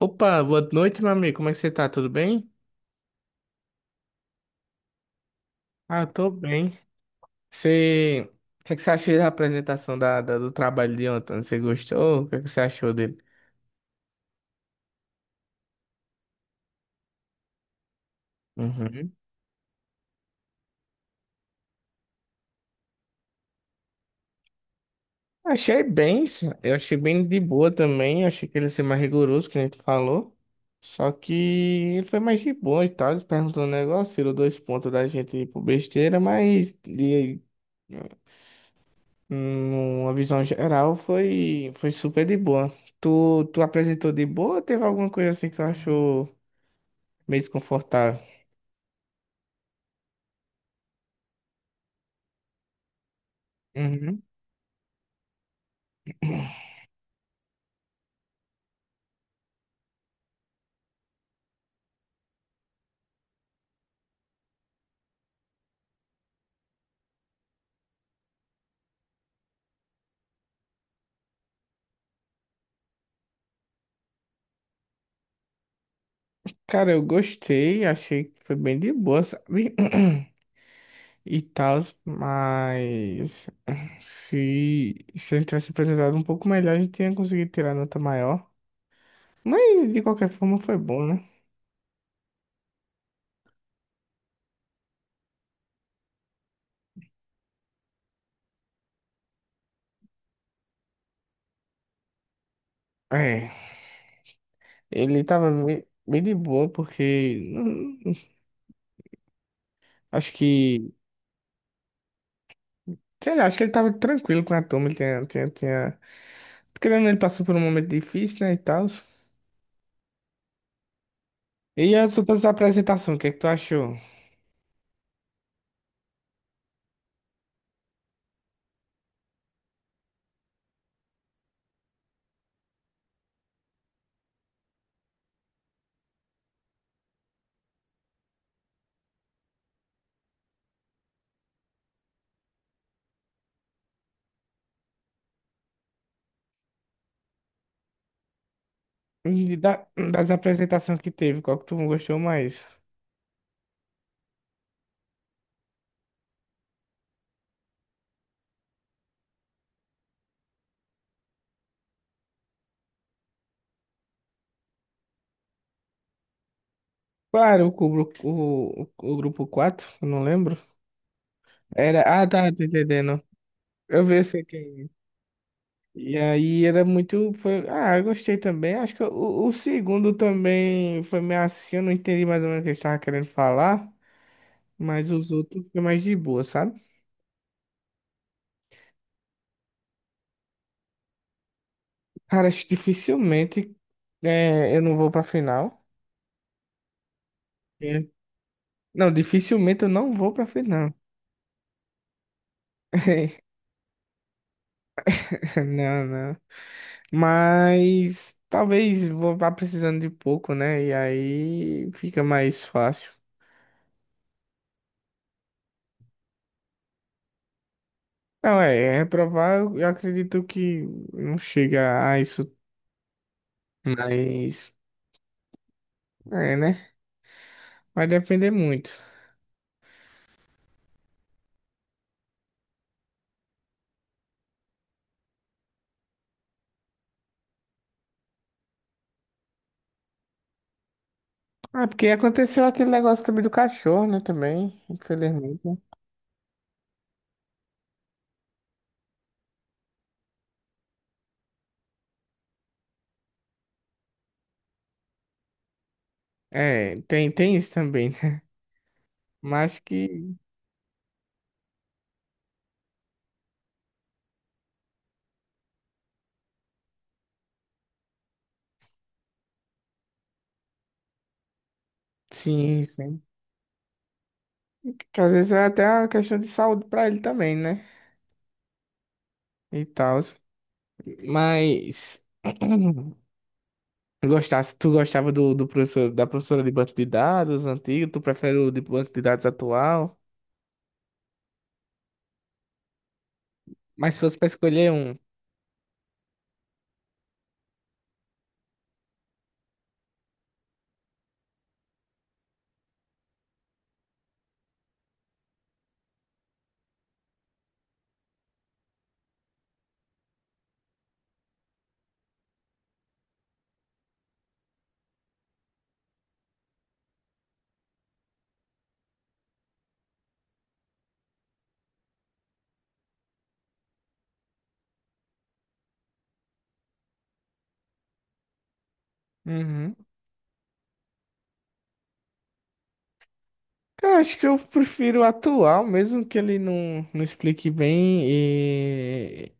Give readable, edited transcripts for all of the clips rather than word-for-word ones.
Opa, boa noite, meu amigo. Como é que você tá? Tudo bem? Ah, eu tô bem. Você... O que é que você achou da apresentação do trabalho de ontem? Você gostou? O que é que você achou dele? Uhum. Achei bem, sim. Eu achei bem de boa também. Achei que ele ia ser mais rigoroso, que a gente falou. Só que ele foi mais de boa e tal. Ele perguntou um negócio, tirou dois pontos da gente por besteira, mas ele numa visão geral, foi, foi super de boa. Tu apresentou de boa ou teve alguma coisa assim que tu achou meio desconfortável? Uhum. Cara, eu gostei, achei que foi bem de boa, sabe? E tal, mas se ele tivesse apresentado um pouco melhor, a gente tinha conseguido tirar nota maior. Mas de qualquer forma foi bom, né? É, ele tava bem, bem de boa, porque acho que... Sei lá, acho que ele tava tranquilo com a turma, ele tinha... Querendo ou não, ele passou por um momento difícil, né, e tal. E as outras apresentações, o que é que tu achou? E da- Das apresentações que teve, qual que tu gostou mais? Claro, o grupo 4 eu não lembro. Era, ah, tá, tô entendendo. Eu vi esse aqui. E aí era muito, foi, ah, eu gostei também. Acho que o segundo também foi meio assim, eu não entendi mais ou menos o que ele estava querendo falar, mas os outros foi mais de boa, sabe? Cara, acho que dificilmente é, eu não vou pra final. É. Não, dificilmente eu não vou pra final. Não, não. Mas talvez vou vá precisando de pouco, né? E aí fica mais fácil. Não, é, é reprovar, eu acredito que não chega a isso. Mas, é, né? Vai depender muito. Ah, porque aconteceu aquele negócio também do cachorro, né? Também, infelizmente. É, tem, tem isso também, né? Mas que... Sim, sim. Que às vezes é até uma questão de saúde pra ele também, né? E tal. Mas gostasse, tu gostava do professor, da professora de banco de dados antigo, tu prefere o de banco de dados atual? Mas se fosse pra escolher um. Uhum. Eu acho que eu prefiro o atual, mesmo que ele não explique bem e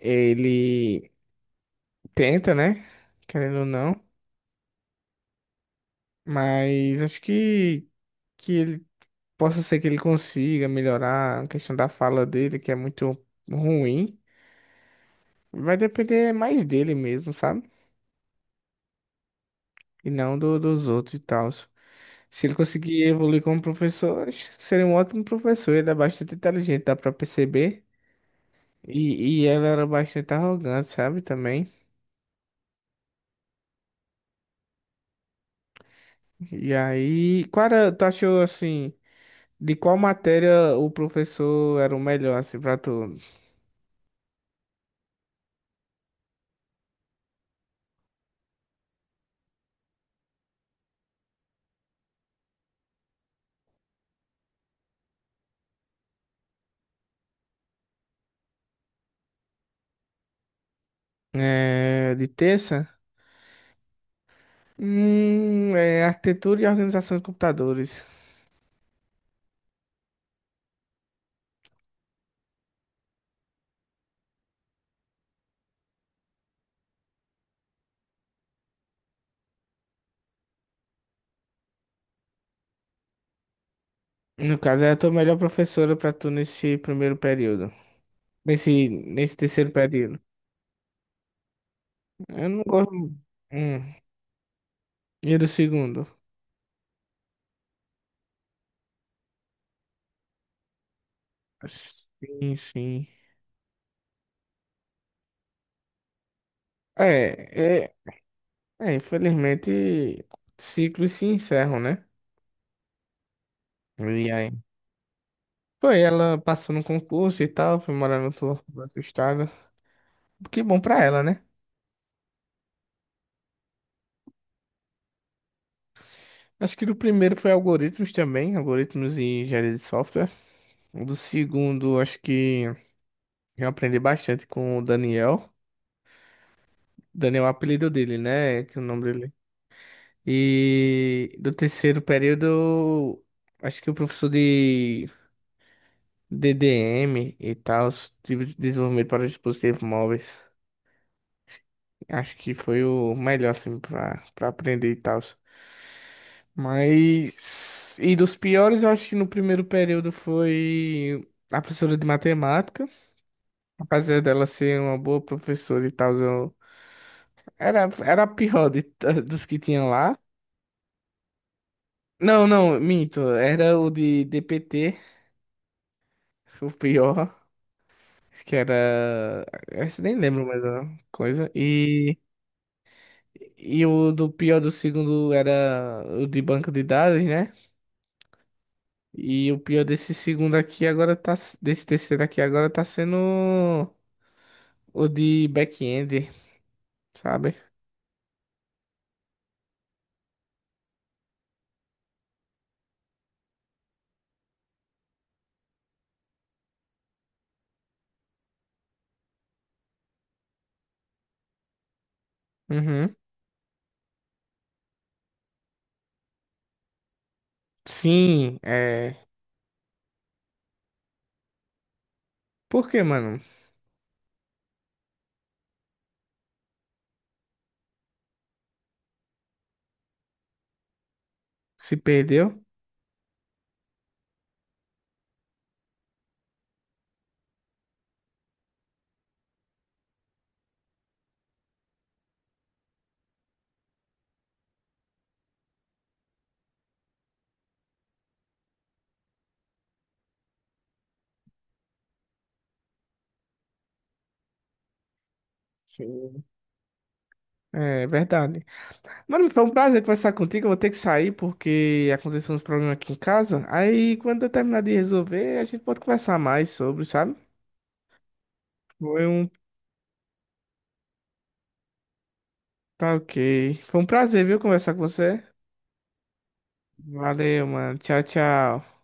ele tenta, né? Querendo ou não. Mas acho que ele... Possa ser que ele consiga melhorar a questão da fala dele, que é muito ruim. Vai depender mais dele mesmo, sabe? E não dos outros e tal. Se ele conseguir evoluir como professor, acho que seria um ótimo professor. Ele é bastante inteligente, dá pra perceber. E ela era bastante arrogante, sabe? Também. E aí, qual era, tu achou assim, de qual matéria o professor era o melhor, assim, pra tu? É, de terça? É arquitetura e organização de computadores. No caso, é a tua melhor professora pra tu nesse primeiro período. Nesse, nesse terceiro período. Eu não gosto. Hum. E do segundo? Sim, sim. É, é, infelizmente, ciclos se encerram, né? E aí? Foi, ela passou no concurso e tal, foi morar no outro estado. Que bom pra ela, né? Acho que o primeiro foi algoritmos também, algoritmos e engenharia de software. O do segundo, acho que eu aprendi bastante com o Daniel. Daniel é o apelido dele, né? Que é o nome dele. E do terceiro período, acho que o professor de DDM e tal, os de desenvolvimento para dispositivos móveis. Acho que foi o melhor, assim, para aprender e tal. Mas... E dos piores, eu acho que no primeiro período foi a professora de matemática. Apesar dela ser uma boa professora e tal, era a pior dos que tinham lá. Não, não, minto. Era o de DPT, foi o pior. Que era. Esse nem lembro mais a coisa. E o do pior do segundo era o de banco de dados, né? E o pior desse segundo aqui agora tá. Desse terceiro aqui agora tá sendo o de back-end, sabe? Uhum. Sim, é. Por que, mano? Se perdeu? Sim. É verdade. Mano, foi um prazer conversar contigo. Eu vou ter que sair porque aconteceu uns problemas aqui em casa. Aí, quando eu terminar de resolver, a gente pode conversar mais sobre, sabe? Foi um... Tá ok. Foi um prazer, viu, conversar com você. Valeu, mano. Tchau, tchau.